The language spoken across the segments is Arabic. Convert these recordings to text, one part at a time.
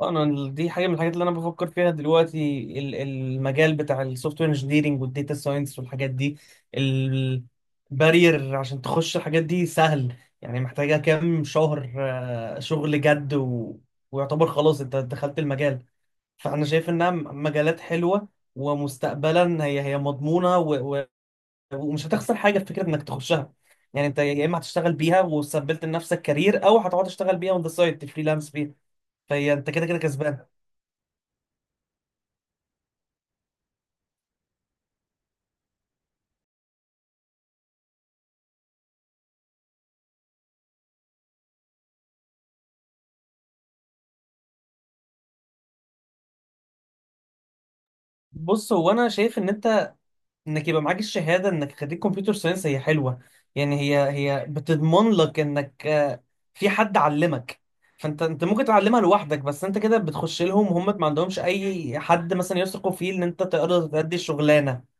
انا دي حاجه من الحاجات اللي انا بفكر فيها دلوقتي المجال بتاع السوفت وير انجينيرنج والداتا ساينس والحاجات دي. البارير عشان تخش الحاجات دي سهل، يعني محتاجه كام شهر شغل جد ويعتبر خلاص انت دخلت المجال. فانا شايف انها مجالات حلوه، ومستقبلا هي مضمونه، ومش هتخسر حاجه في فكره انك تخشها. يعني انت يا اما هتشتغل بيها وثبت لنفسك كارير او هتقعد تشتغل بيها اون ذا سايد تفريلانس بيها. فهي انت كده كده كسبان. بص، هو انا شايف ان انك يبقى معاك الشهاده انك خريج كمبيوتر ساينس هي حلوه. يعني هي بتضمن لك انك في حد علمك. فانت ممكن تعلمها لوحدك، بس انت كده بتخش لهم وهم ما عندهمش اي حد مثلا يثقوا فيه ان انت تقدر تأدي الشغلانه،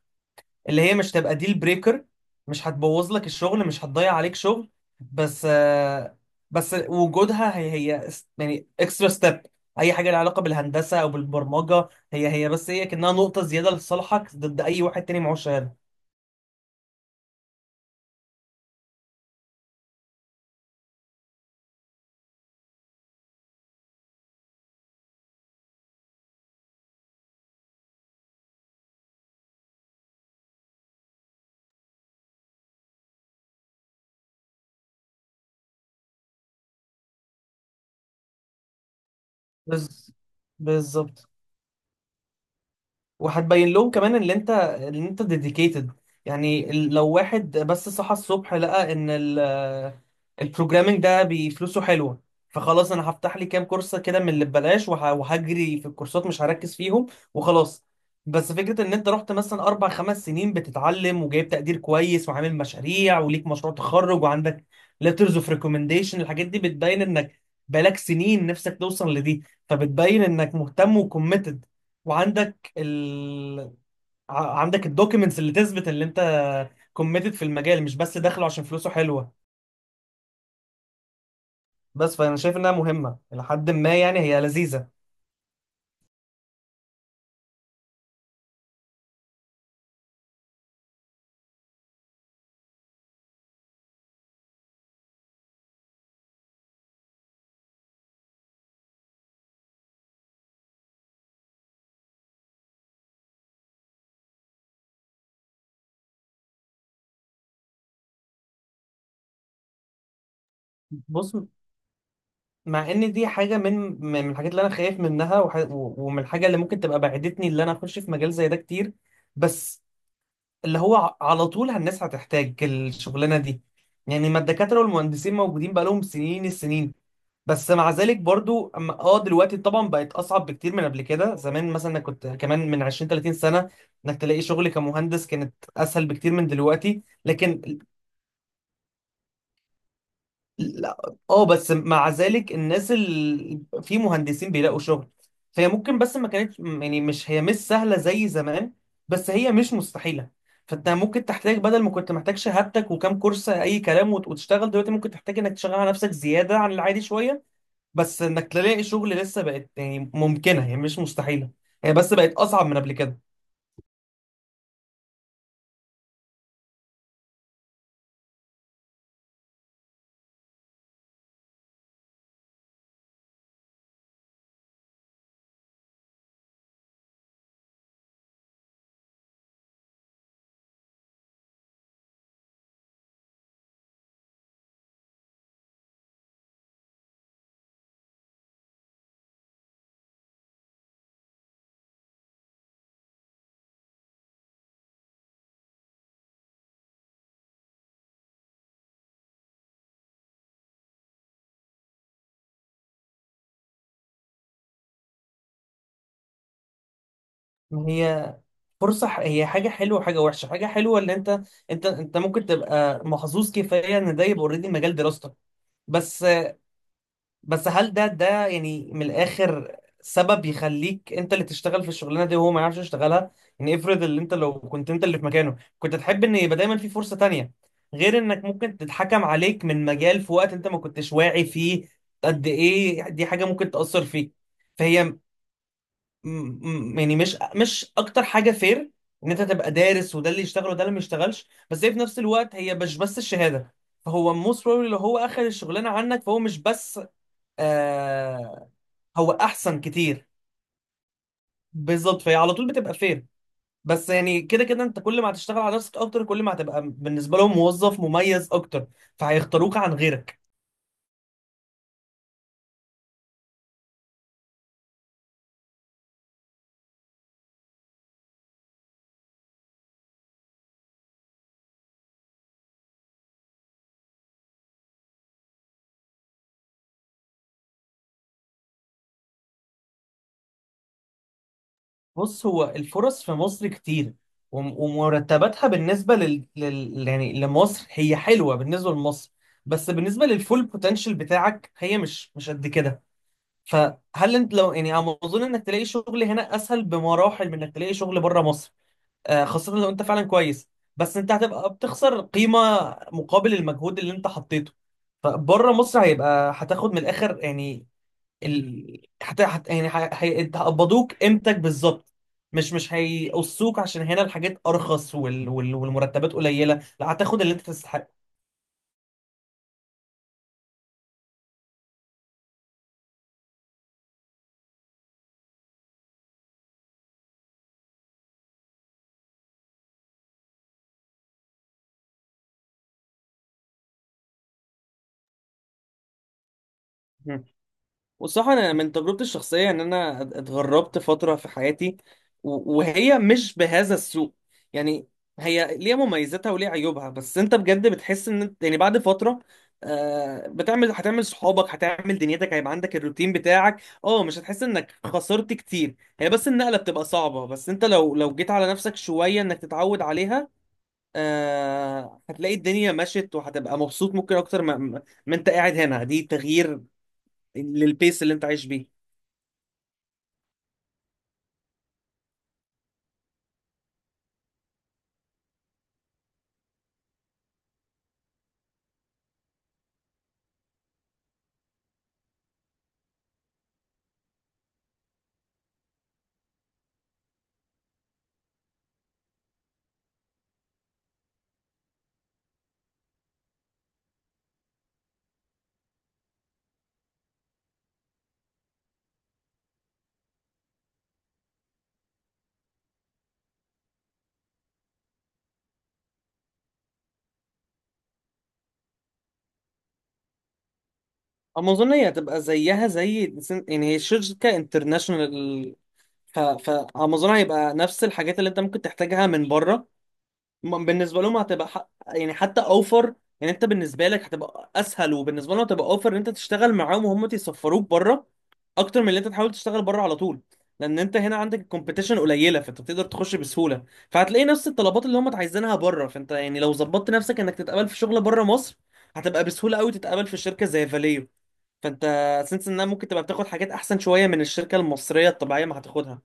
اللي هي مش تبقى ديل بريكر، مش هتبوظ لك الشغل، مش هتضيع عليك شغل. بس آه، بس وجودها يعني اكسترا ستيب. اي حاجه لها علاقه بالهندسه او بالبرمجه هي كانها نقطه زياده لصالحك ضد اي واحد تاني معهوش شهاده. بز... بالظبط. وهتبين لهم كمان ان انت ديديكيتد. يعني لو واحد بس صحى الصبح لقى ان البروجرامينج ده بفلوسه حلوه، فخلاص انا هفتح لي كام كورس كده من اللي ببلاش وهجري في الكورسات مش هركز فيهم وخلاص. بس فكره ان انت رحت مثلا اربع خمس سنين بتتعلم وجايب تقدير كويس وعامل مشاريع وليك مشروع تخرج وعندك letters of recommendation. الحاجات دي بتبين انك بقالك سنين نفسك توصل لدي، فبتبين انك مهتم وكوميتد وعندك ال... عندك الدوكيومنتس اللي تثبت اللي انت كوميتد في المجال، مش بس داخله عشان فلوسه حلوه. بس فانا شايف انها مهمه الى حد ما، يعني هي لذيذه. بص، مع ان دي حاجه من من الحاجات اللي انا خايف منها، ومن الحاجه اللي ممكن تبقى بعدتني اللي انا اخش في مجال زي ده كتير. بس اللي هو على طول الناس هتحتاج الشغلانه دي. يعني ما الدكاتره والمهندسين موجودين بقالهم سنين السنين. بس مع ذلك برضو، دلوقتي طبعا بقت اصعب بكتير من قبل كده. زمان مثلا أنا كنت كمان من 20 30 سنه انك تلاقي شغل كمهندس كانت اسهل بكتير من دلوقتي. لكن لا، اه، بس مع ذلك الناس اللي في مهندسين بيلاقوا شغل. فهي ممكن، بس ما كانتش يعني، مش هي مش سهلة زي زمان، بس هي مش مستحيلة. فانت ممكن تحتاج، بدل ما كنت محتاج شهادتك وكام كورس اي كلام وتشتغل، دلوقتي ممكن تحتاج انك تشغل على نفسك زيادة عن العادي شوية. بس انك تلاقي شغل لسه بقت يعني ممكنة، هي مش مستحيلة، هي بس بقت اصعب من قبل كده. ما هي فرصة، هي حاجة حلوة وحاجة وحشة. حاجة حلوة اللي انت ممكن تبقى محظوظ كفاية ان ده يبقى اوريدي مجال دراستك. بس بس هل ده يعني من الاخر سبب يخليك انت اللي تشتغل في الشغلانه دي وهو ما يعرفش يشتغلها؟ يعني افرض اللي انت، لو كنت انت اللي في مكانه، كنت تحب ان يبقى دايما في فرصه تانية، غير انك ممكن تتحكم عليك من مجال في وقت انت ما كنتش واعي فيه. قد ايه دي حاجه ممكن تاثر فيك. فهي م- يعني مش مش اكتر حاجه فير ان انت تبقى دارس وده اللي يشتغل وده اللي ما يشتغلش. بس هي في نفس الوقت هي مش بس الشهاده. فهو موست بروبلي لو هو اخذ الشغلانه عنك فهو مش بس آه هو احسن كتير. بالظبط، فهي على طول بتبقى فير. بس يعني كده كده انت كل ما هتشتغل على نفسك اكتر كل ما هتبقى بالنسبه لهم موظف مميز اكتر، فهيختاروك عن غيرك. بص، هو الفرص في مصر كتير، ومرتباتها بالنسبه يعني لمصر هي حلوه بالنسبه لمصر. بس بالنسبه للفول بوتنشال بتاعك هي مش قد كده. فهل انت لو، يعني أنا اظن انك تلاقي شغل هنا اسهل بمراحل من انك تلاقي شغل بره مصر. خاصة لو انت فعلا كويس. بس انت هتبقى بتخسر قيمة مقابل المجهود اللي انت حطيته. فبره مصر هيبقى، هتاخد من الاخر يعني ال... هت... هت... يعني ه- هي... هيقبضوك قيمتك بالظبط. مش هيقصوك عشان هنا الحاجات ارخص والمرتبات قليلة. لا، هتاخد اللي انت تستحقه. والصراحة أنا من تجربتي الشخصية، إن أنا اتغربت فترة في حياتي، وهي مش بهذا السوء. يعني هي ليها مميزاتها وليها عيوبها، بس أنت بجد بتحس إن أنت يعني بعد فترة، بتعمل، هتعمل صحابك، هتعمل دنيتك، هيبقى عندك الروتين بتاعك. اه، مش هتحس إنك خسرت كتير. هي بس النقلة بتبقى صعبة، بس أنت لو جيت على نفسك شوية إنك تتعود عليها، هتلاقي الدنيا مشت وهتبقى مبسوط ممكن أكتر ما أنت قاعد هنا. دي تغيير للبيس اللي أنت عايش بيه. امازون هي هتبقى زيها زي، يعني هي شركه انترناشونال. فامازون هيبقى نفس الحاجات اللي انت ممكن تحتاجها من بره. بالنسبه لهم هتبقى يعني حتى اوفر. يعني انت بالنسبه لك هتبقى اسهل، وبالنسبه لهم هتبقى اوفر ان انت تشتغل معاهم وهم يسفروك بره، اكتر من اللي انت تحاول تشتغل بره على طول. لان انت هنا عندك الكومبيتيشن قليله فانت بتقدر تخش بسهوله. فهتلاقي نفس الطلبات اللي هم عايزينها بره. فانت يعني لو ظبطت نفسك انك تتقبل في شغل بره مصر، هتبقى بسهوله قوي تتقبل في شركه زي فاليو. فانت سنس انها ممكن تبقى بتاخد حاجات احسن شويه من الشركه المصريه الطبيعيه ما هتاخدها.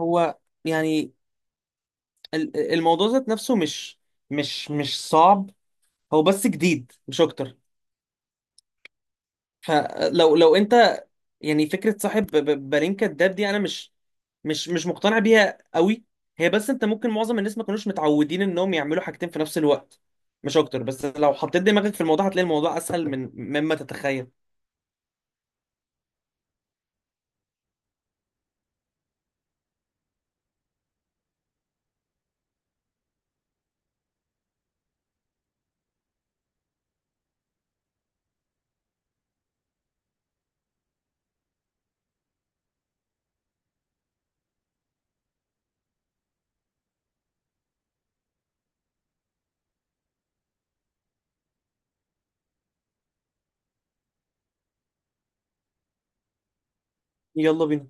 هو يعني الموضوع ذات نفسه مش، مش صعب، هو بس جديد مش اكتر. فلو انت، يعني فكره صاحب بالين كداب دي، انا مش مقتنع بيها قوي. هي بس انت ممكن، معظم الناس ما كانوش متعودين انهم يعملوا حاجتين في نفس الوقت مش اكتر. بس لو حطيت دماغك في الموضوع هتلاقي الموضوع اسهل من مما تتخيل. يلا بينا.